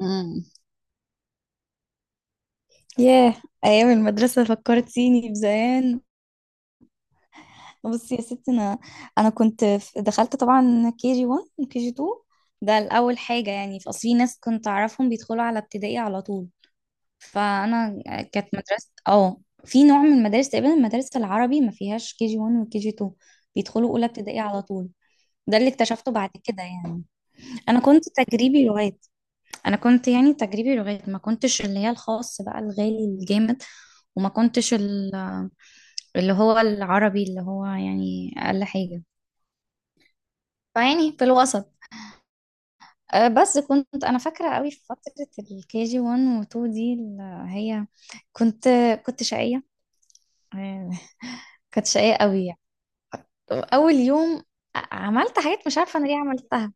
امم ياه. ايام المدرسه فكرتيني بزمان. بصي يا ستي، انا كنت دخلت طبعا كي جي 1 وكي جي 2. ده الاول حاجه، يعني في اصل في ناس كنت اعرفهم بيدخلوا على ابتدائي على طول. فانا كانت مدرسه في نوع من المدارس، تقريبا المدارس العربي ما فيهاش كي جي 1 وكي جي 2، بيدخلوا اولى ابتدائي على طول. ده اللي اكتشفته بعد كده يعني. انا كنت تجريبي لغات انا كنت يعني تجريبي لغات، ما كنتش اللي هي الخاص بقى الغالي الجامد، وما كنتش اللي هو العربي، اللي هو يعني اقل حاجه، فيعني في الوسط. بس كنت انا فاكره قوي في فتره الكي جي 1 و2، دي اللي هي كنت كنت شقيه. آه، كنت شقيه قوي يعني. اول يوم، عملت حاجات مش عارفه انا ليه عملتها.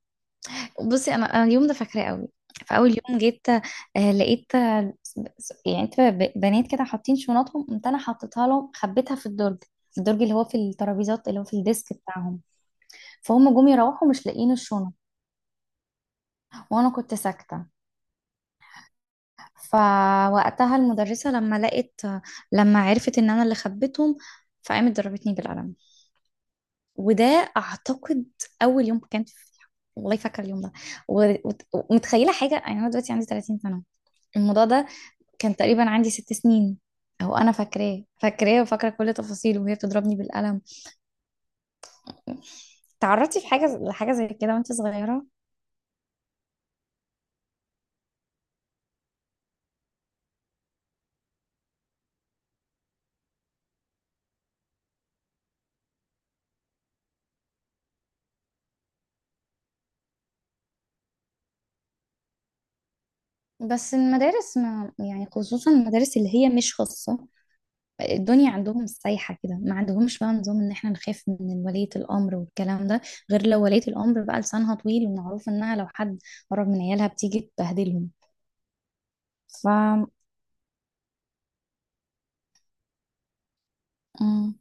بصي، انا اليوم ده فاكراه قوي. فاول يوم جيت، لقيت يعني انت بنات كده حاطين شنطهم، قمت انا حطيتها لهم، خبيتها في الدرج. الدرج اللي هو في الترابيزات، اللي هو في الديسك بتاعهم. فهم جم يروحوا مش لاقيين الشنط، وانا كنت ساكته. فوقتها المدرسه لما عرفت ان انا اللي خبيتهم، فقامت ضربتني بالقلم. وده اعتقد اول يوم كان في. والله فاكره اليوم ده، ومتخيله حاجه، يعني انا دلوقتي عندي 30 سنه، الموضوع ده كان تقريبا عندي 6 سنين، او انا فاكراه فاكراه وفاكره كل تفاصيله وهي بتضربني بالقلم. تعرضتي في حاجه لحاجه زي كده وانت صغيره؟ بس المدارس، ما يعني خصوصا المدارس اللي هي مش خاصه، الدنيا عندهم سايحه كده، ما عندهمش بقى نظام ان احنا نخاف من ولية الامر والكلام ده، غير لو ولية الامر بقى لسانها طويل ومعروف انها لو حد قرب من عيالها بتيجي تبهدلهم. ف مم.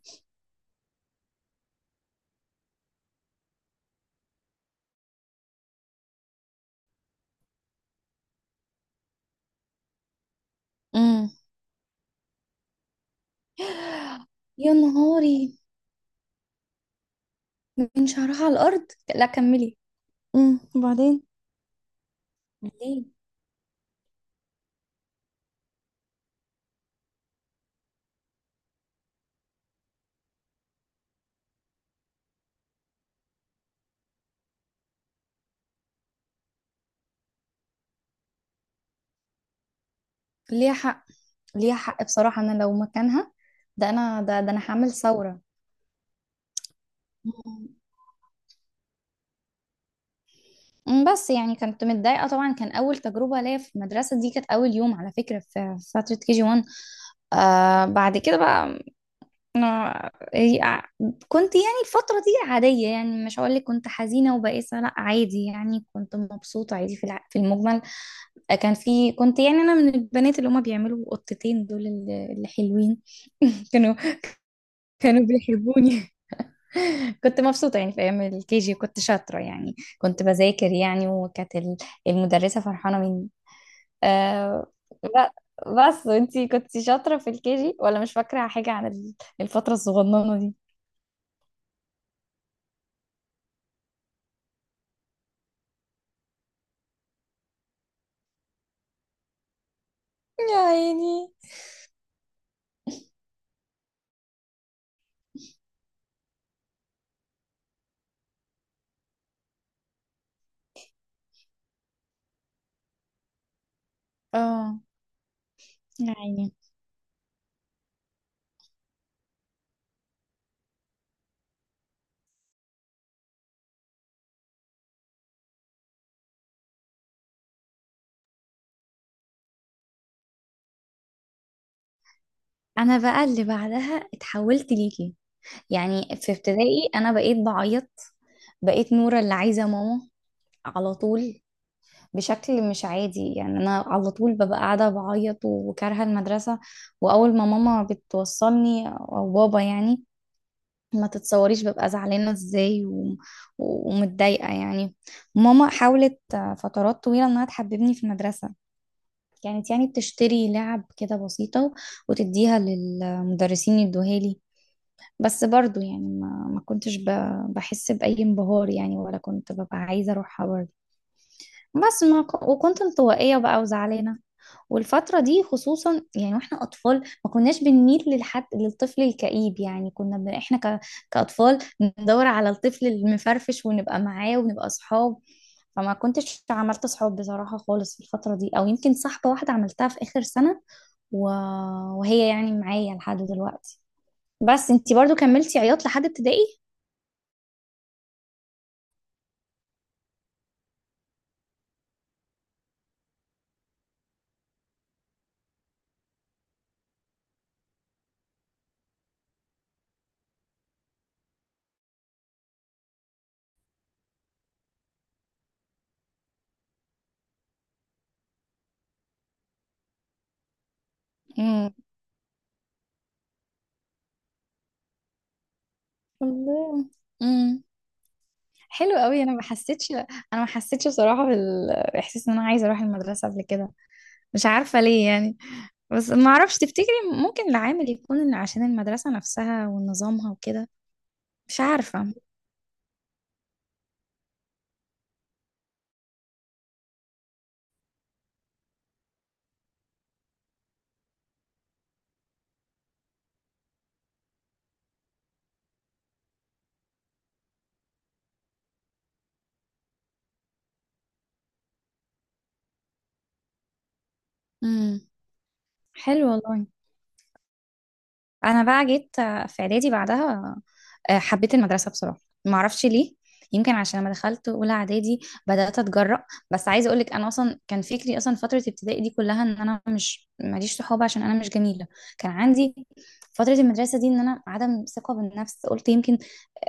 مم. يا نهاري. من شعرها على الارض. لا كملي. وبعدين. ليه؟ ليها حق، ليها حق بصراحة، أنا لو مكانها، ده أنا ده أنا هعمل ثورة. بس يعني كنت متضايقة طبعا، كان أول تجربة ليا في المدرسة دي، كانت أول يوم على فكرة في فترة كي جي 1. بعد كده بقى أنا هي- كنت يعني الفترة دي عادية، يعني مش هقول لك كنت حزينة وبائسة، لا عادي يعني كنت مبسوطة عادي، في في المجمل. كان في كنت يعني أنا من البنات اللي هما بيعملوا قطتين دول، اللي حلوين. كانوا كانوا بيحبوني. كنت مبسوطة يعني، في أيام الكي جي كنت شاطرة، يعني كنت بذاكر يعني، وكانت المدرسة فرحانة مني. أه. ب- بس انتي كنتي شاطرة في الكي جي ولا مش فاكرة حاجة عن الفترة الصغننة دي؟ يا عيني. اه. يا عيني. انا بقى اللي بعدها اتحولت ليكي. يعني في ابتدائي انا بقيت بعيط، بقيت نورة اللي عايزة ماما على طول، بشكل مش عادي يعني. انا على طول ببقى قاعده بعيط وكارهه المدرسه. واول ما ماما بتوصلني او بابا، يعني ما تتصوريش ببقى زعلانه ازاي. ومتضايقه يعني. ماما حاولت فترات طويله انها تحببني في المدرسه. كانت يعني بتشتري لعب كده بسيطه، وتديها للمدرسين يدوها لي. بس برضو يعني ما كنتش بحس بأي انبهار يعني، ولا كنت ببقى عايزة أروحها برضو. بس ما ك- وكنت انطوائية بقى وزعلانة. والفترة دي خصوصا يعني، واحنا أطفال ما كناش بنميل للحد للطفل الكئيب، يعني كنا ب... احنا ك... كأطفال ندور على الطفل المفرفش ونبقى معاه ونبقى صحاب. فما كنتش عملت صحاب بصراحة خالص في الفترة دي، أو يمكن صاحبة واحدة عملتها في آخر سنة، و... وهي يعني معايا لحد دلوقتي. بس انتي برضو كملتي عياط لحد ابتدائي؟ امم الله. حلو قوي. انا ما حسيتش بصراحه بالاحساس ان انا عايزه اروح المدرسه قبل كده. مش عارفه ليه يعني. بس ما اعرفش، تفتكري ممكن العامل يكون إن عشان المدرسه نفسها ونظامها وكده؟ مش عارفه. امم حلو والله. انا بقى جيت في اعدادي بعدها، حبيت المدرسة بصراحة. ما اعرفش ليه. يمكن عشان لما دخلت اولى اعدادي بدات اتجرأ. بس عايزه اقول لك، انا اصلا كان فكري اصلا فتره ابتدائي دي كلها ان انا مش ماليش صحاب عشان انا مش جميله. كان عندي فتره المدرسه دي ان انا عدم ثقه بالنفس، قلت يمكن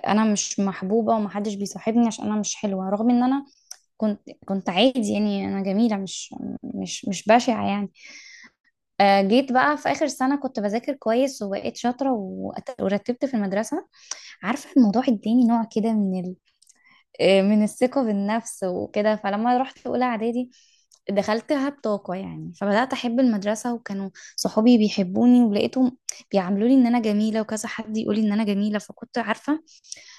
انا مش محبوبه ومحدش بيصاحبني عشان انا مش حلوه، رغم ان انا كنت عادي يعني، انا جميله، مش بشعه يعني. جيت بقى في اخر سنه كنت بذاكر كويس وبقيت شاطره، ورتبت في المدرسه. عارفة الموضوع اداني نوع كده من ال... آه، من الثقة بالنفس وكده، فلما رحت أولى إعدادي دخلتها بطاقة يعني، فبدأت أحب المدرسة وكانوا صحابي بيحبوني، ولقيتهم بيعاملوني إن أنا جميلة، وكذا حد يقولي إن أنا جميلة، فكنت عارفة.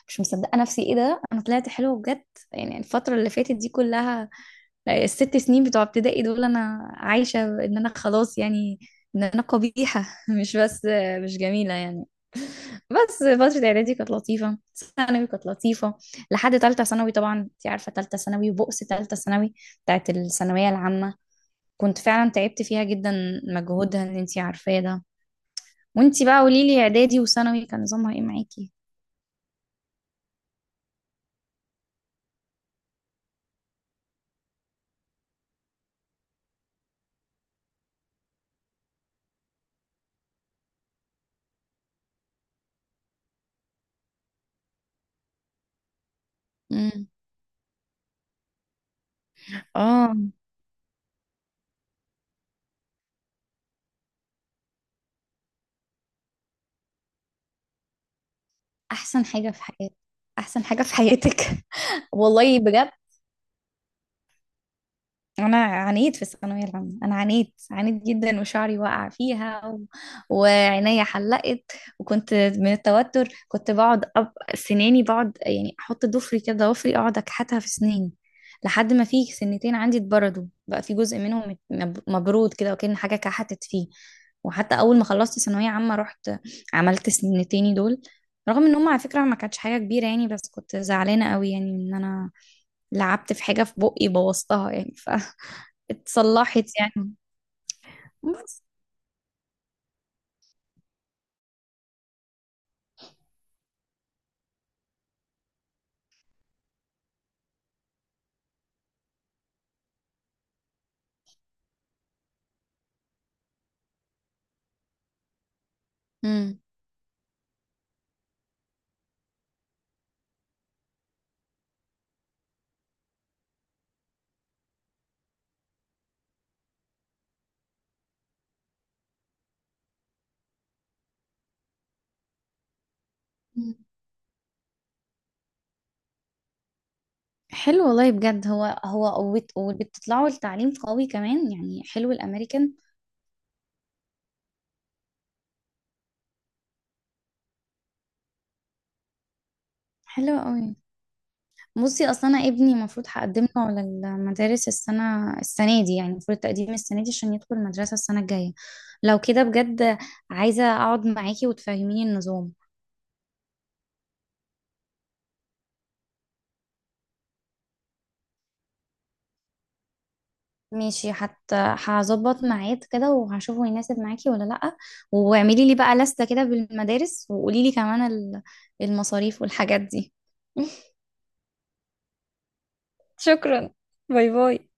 مش مصدقة نفسي، إيه ده؟ أنا طلعت حلوة بجد. يعني الفترة اللي فاتت دي كلها، الست سنين بتوع ابتدائي دول أنا عايشة إن أنا خلاص يعني إن أنا قبيحة، مش بس مش جميلة يعني. بس فترة إعدادي كانت لطيفة. ثانوي كانت لطيفة لحد تالتة ثانوي، طبعا أنت عارفة تالتة ثانوي وبؤس تالتة ثانوي بتاعت الثانوية العامة. كنت فعلا تعبت فيها جدا، مجهودها اللي أنت عارفاه ده. وأنت بقى قوليلي، إعدادي وثانوي كان نظامها إيه معاكي؟ مم. آه أحسن حاجة في حياتك. أحسن حاجة في حياتك. والله بجد. انا عانيت في الثانويه العامه، انا عانيت عانيت جدا وشعري وقع فيها، وعينيا حلقت. وكنت من التوتر كنت بقعد سناني، بقعد يعني احط ضفري كده ضفري اقعد اكحتها في سناني. لحد ما في سنتين عندي اتبردوا، بقى في جزء منهم مبرود كده وكأن حاجه كحتت فيه. وحتى اول ما خلصت ثانويه عامه رحت عملت سنتين دول، رغم ان هم على فكره ما كانتش حاجه كبيره يعني، بس كنت زعلانه قوي يعني ان انا لعبت في حاجة في بقي بوظتها يعني، فاتصلحت يعني. بس. مم. مم. حلو والله بجد، هو قوت وبتطلعوا لتعليم قوي كمان يعني، حلو الامريكان. حلو قوي. بصي اصلا انا ابني المفروض هقدم له على المدارس السنه دي، يعني المفروض تقديم السنه دي عشان يدخل المدرسه السنه الجايه. لو كده بجد، عايزه اقعد معاكي وتفهميني النظام. ماشي، حتى هظبط ميعاد كده وهشوفه يناسب معاكي ولا لأ. واعملي لي بقى لستة كده بالمدارس، وقولي لي كمان المصاريف والحاجات دي. شكرا. باي باي.